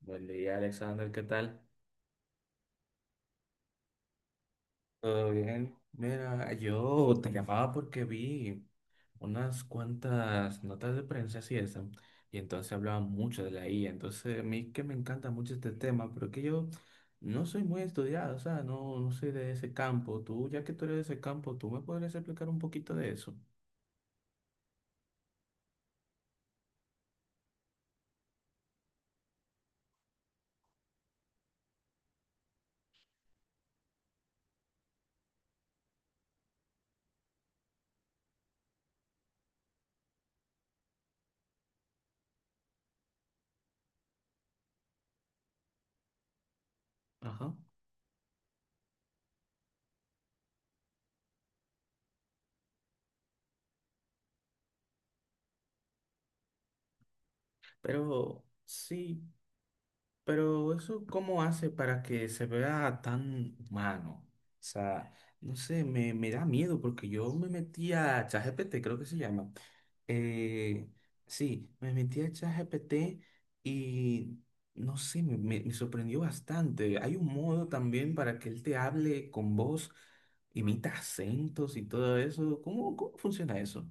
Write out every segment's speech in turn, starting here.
Buen día, Alexander, ¿qué tal? Todo bien. Mira, yo te llamaba porque vi unas cuantas notas de prensa y eso, y entonces hablaban mucho de la IA. Entonces, a mí que me encanta mucho este tema, pero que yo no soy muy estudiado, o sea, no soy de ese campo. Tú, ya que tú eres de ese campo, tú me podrías explicar un poquito de eso. Ajá. Pero sí. Pero eso, ¿cómo hace para que se vea tan humano? O sea, no sé, me da miedo porque yo me metí a ChatGPT, creo que se llama. Eh, sí, me metí a ChatGPT y no sé, me sorprendió bastante. Hay un modo también para que él te hable con voz, imita acentos y todo eso. Cómo funciona eso?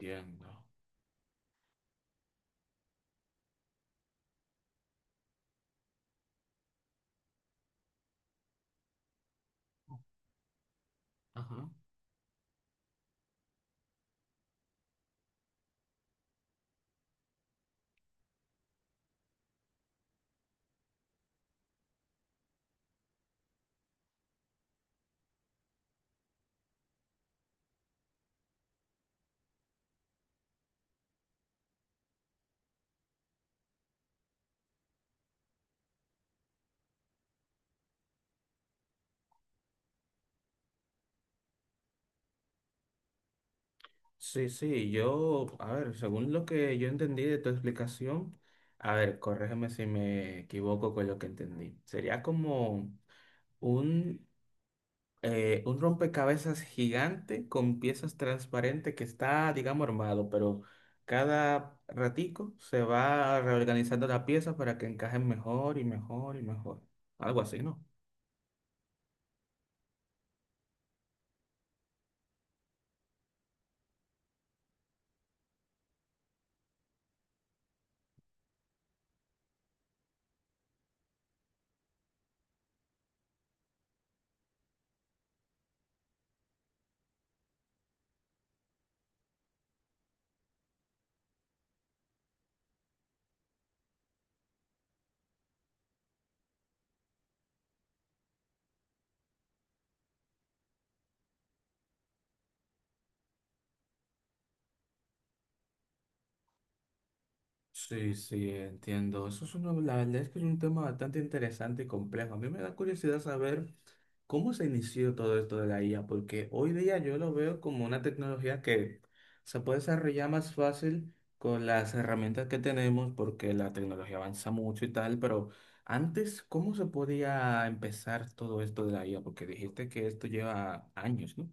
Entiendo. Ajá. Sí, sí, yo, a ver, según lo que yo entendí de tu explicación, a ver, corrígeme si me equivoco con lo que entendí. Sería como un un rompecabezas gigante con piezas transparentes que está, digamos, armado, pero cada ratico se va reorganizando la pieza para que encajen mejor y mejor y mejor. Algo así, ¿no? Sí, sí, entiendo. Eso es uno, la verdad es que es un tema bastante interesante y complejo. A mí me da curiosidad saber. ¿Cómo se inició todo esto de la IA? Porque hoy día yo lo veo como una tecnología que se puede desarrollar más fácil con las herramientas que tenemos, porque la tecnología avanza mucho y tal, pero antes, ¿cómo se podía empezar todo esto de la IA? Porque dijiste que esto lleva años, ¿no?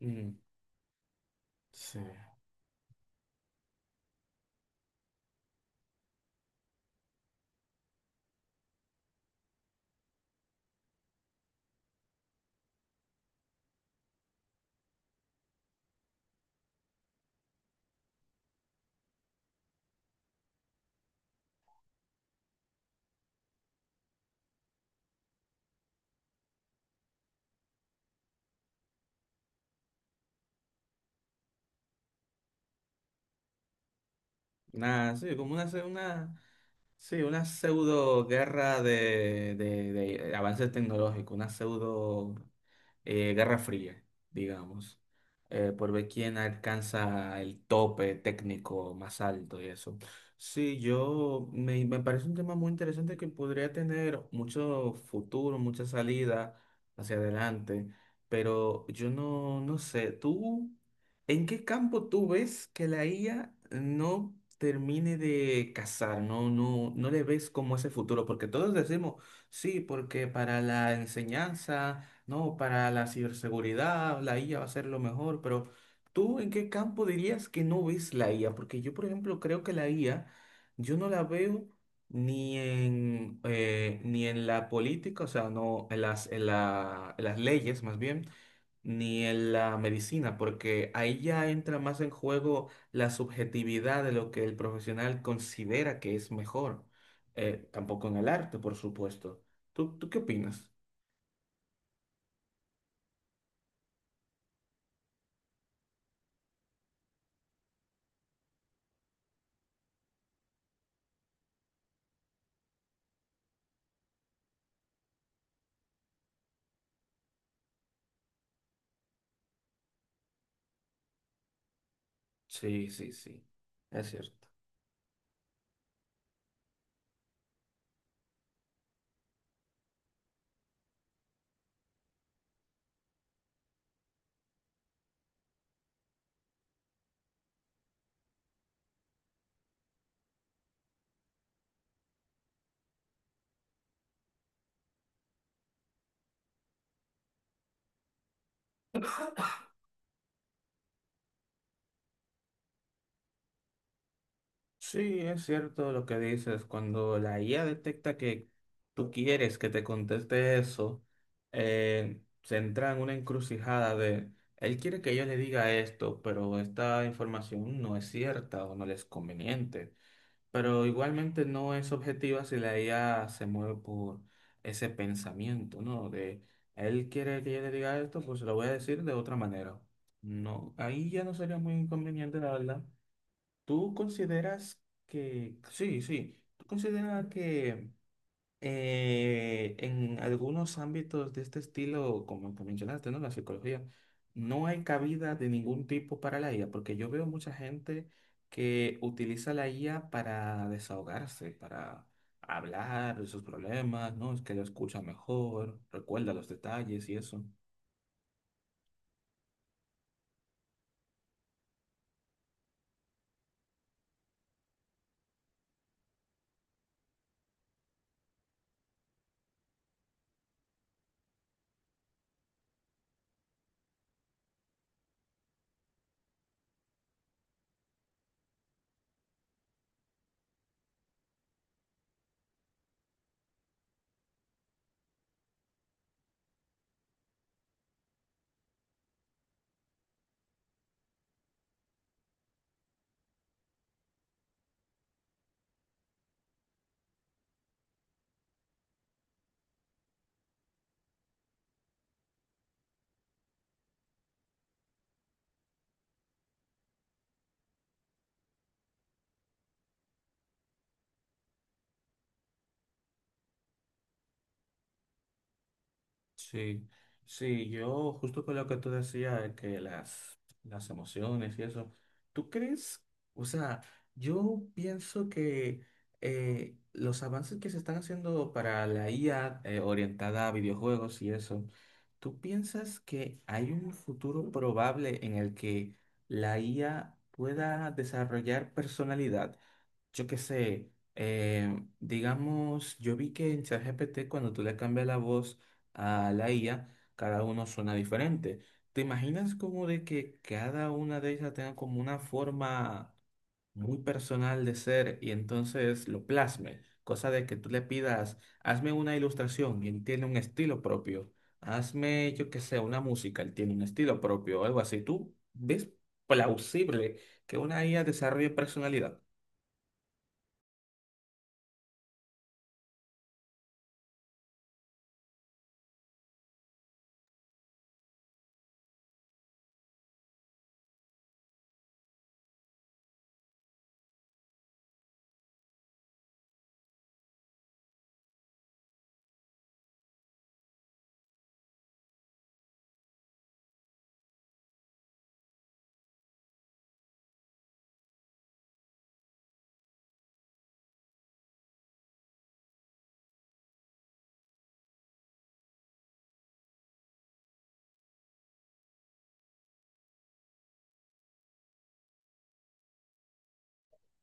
Mm, Sí. Nada, sí, como una. Sí, una pseudo guerra de avances tecnológicos, una pseudo guerra fría, digamos, por ver quién alcanza el tope técnico más alto y eso. Sí, yo me parece un tema muy interesante que podría tener mucho futuro, mucha salida hacia adelante, pero yo no, no sé, tú. ¿En qué campo tú ves que la IA no termine de casar? No le ves como ese futuro, porque todos decimos, sí, porque para la enseñanza, no, para la ciberseguridad, la IA va a ser lo mejor, pero ¿tú en qué campo dirías que no ves la IA? Porque yo, por ejemplo, creo que la IA, yo no la veo ni en la política, o sea, no, en en las leyes más bien, ni en la medicina, porque ahí ya entra más en juego la subjetividad de lo que el profesional considera que es mejor. Tampoco en el arte, por supuesto. Tú qué opinas? Sí, sí, sí, es cierto. Sí, es cierto lo que dices. Cuando la IA detecta que tú quieres que te conteste eso, se entra en una encrucijada de, él quiere que yo le diga esto, pero esta información no es cierta o no le es conveniente. Pero igualmente no es objetiva si la IA se mueve por ese pensamiento, ¿no? De él quiere que yo le diga esto, pues se lo voy a decir de otra manera. No, ahí ya no sería muy inconveniente, la verdad. ¿Tú consideras tú consideras que en algunos ámbitos de este estilo, como que mencionaste, ¿no? La psicología, no hay cabida de ningún tipo para la IA, porque yo veo mucha gente que utiliza la IA para desahogarse, para hablar de sus problemas, ¿no? Es que lo escucha mejor, recuerda los detalles y eso. Sí, sí, yo justo con lo que tú decías, de las emociones y eso, ¿tú crees? O sea, yo pienso que los avances que se están haciendo para la IA orientada a videojuegos y eso, ¿tú piensas que hay un futuro probable en el que la IA pueda desarrollar personalidad? Yo qué sé, digamos, yo vi que en ChatGPT cuando tú le cambias la voz a la IA, cada uno suena diferente. ¿Te imaginas como de que cada una de ellas tenga como una forma muy personal de ser y entonces lo plasme? Cosa de que tú le pidas, hazme una ilustración y él tiene un estilo propio. Hazme, yo qué sé, una música, él tiene un estilo propio o algo así. ¿Tú ves plausible que una IA desarrolle personalidad?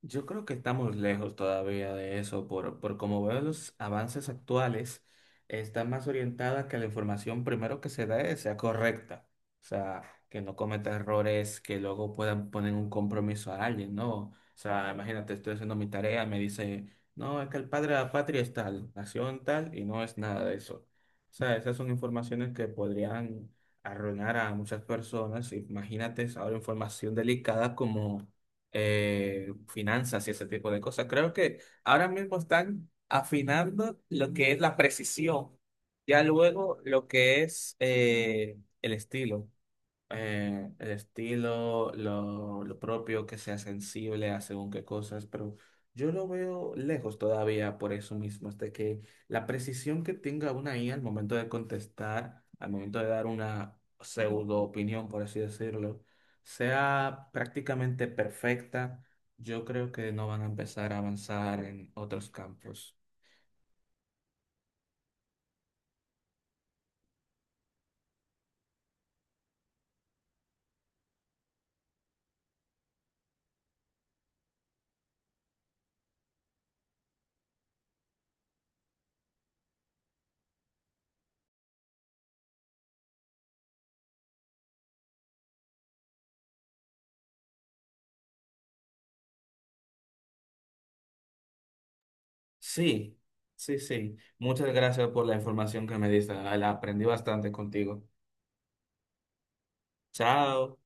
Yo creo que estamos lejos todavía de eso, por como veo los avances actuales, está más orientada a que la información primero que se dé sea correcta, o sea, que no cometa errores que luego puedan poner un compromiso a alguien, ¿no? O sea, imagínate, estoy haciendo mi tarea, me dice, no, es que el padre de la patria es tal, nació en tal, y no es nada de eso. O sea, esas son informaciones que podrían arruinar a muchas personas. Imagínate ahora información delicada como finanzas y ese tipo de cosas. Creo que ahora mismo están afinando lo que es la precisión, ya luego lo que es el estilo, lo propio, que sea sensible a según qué cosas, pero yo lo veo lejos todavía por eso mismo, hasta que la precisión que tenga una IA al momento de contestar, al momento de dar una pseudo opinión, por así decirlo, sea prácticamente perfecta, yo creo que no van a empezar a avanzar en otros campos. Sí, sí, sí. Muchas gracias por la información que me diste. La aprendí bastante contigo. Chao.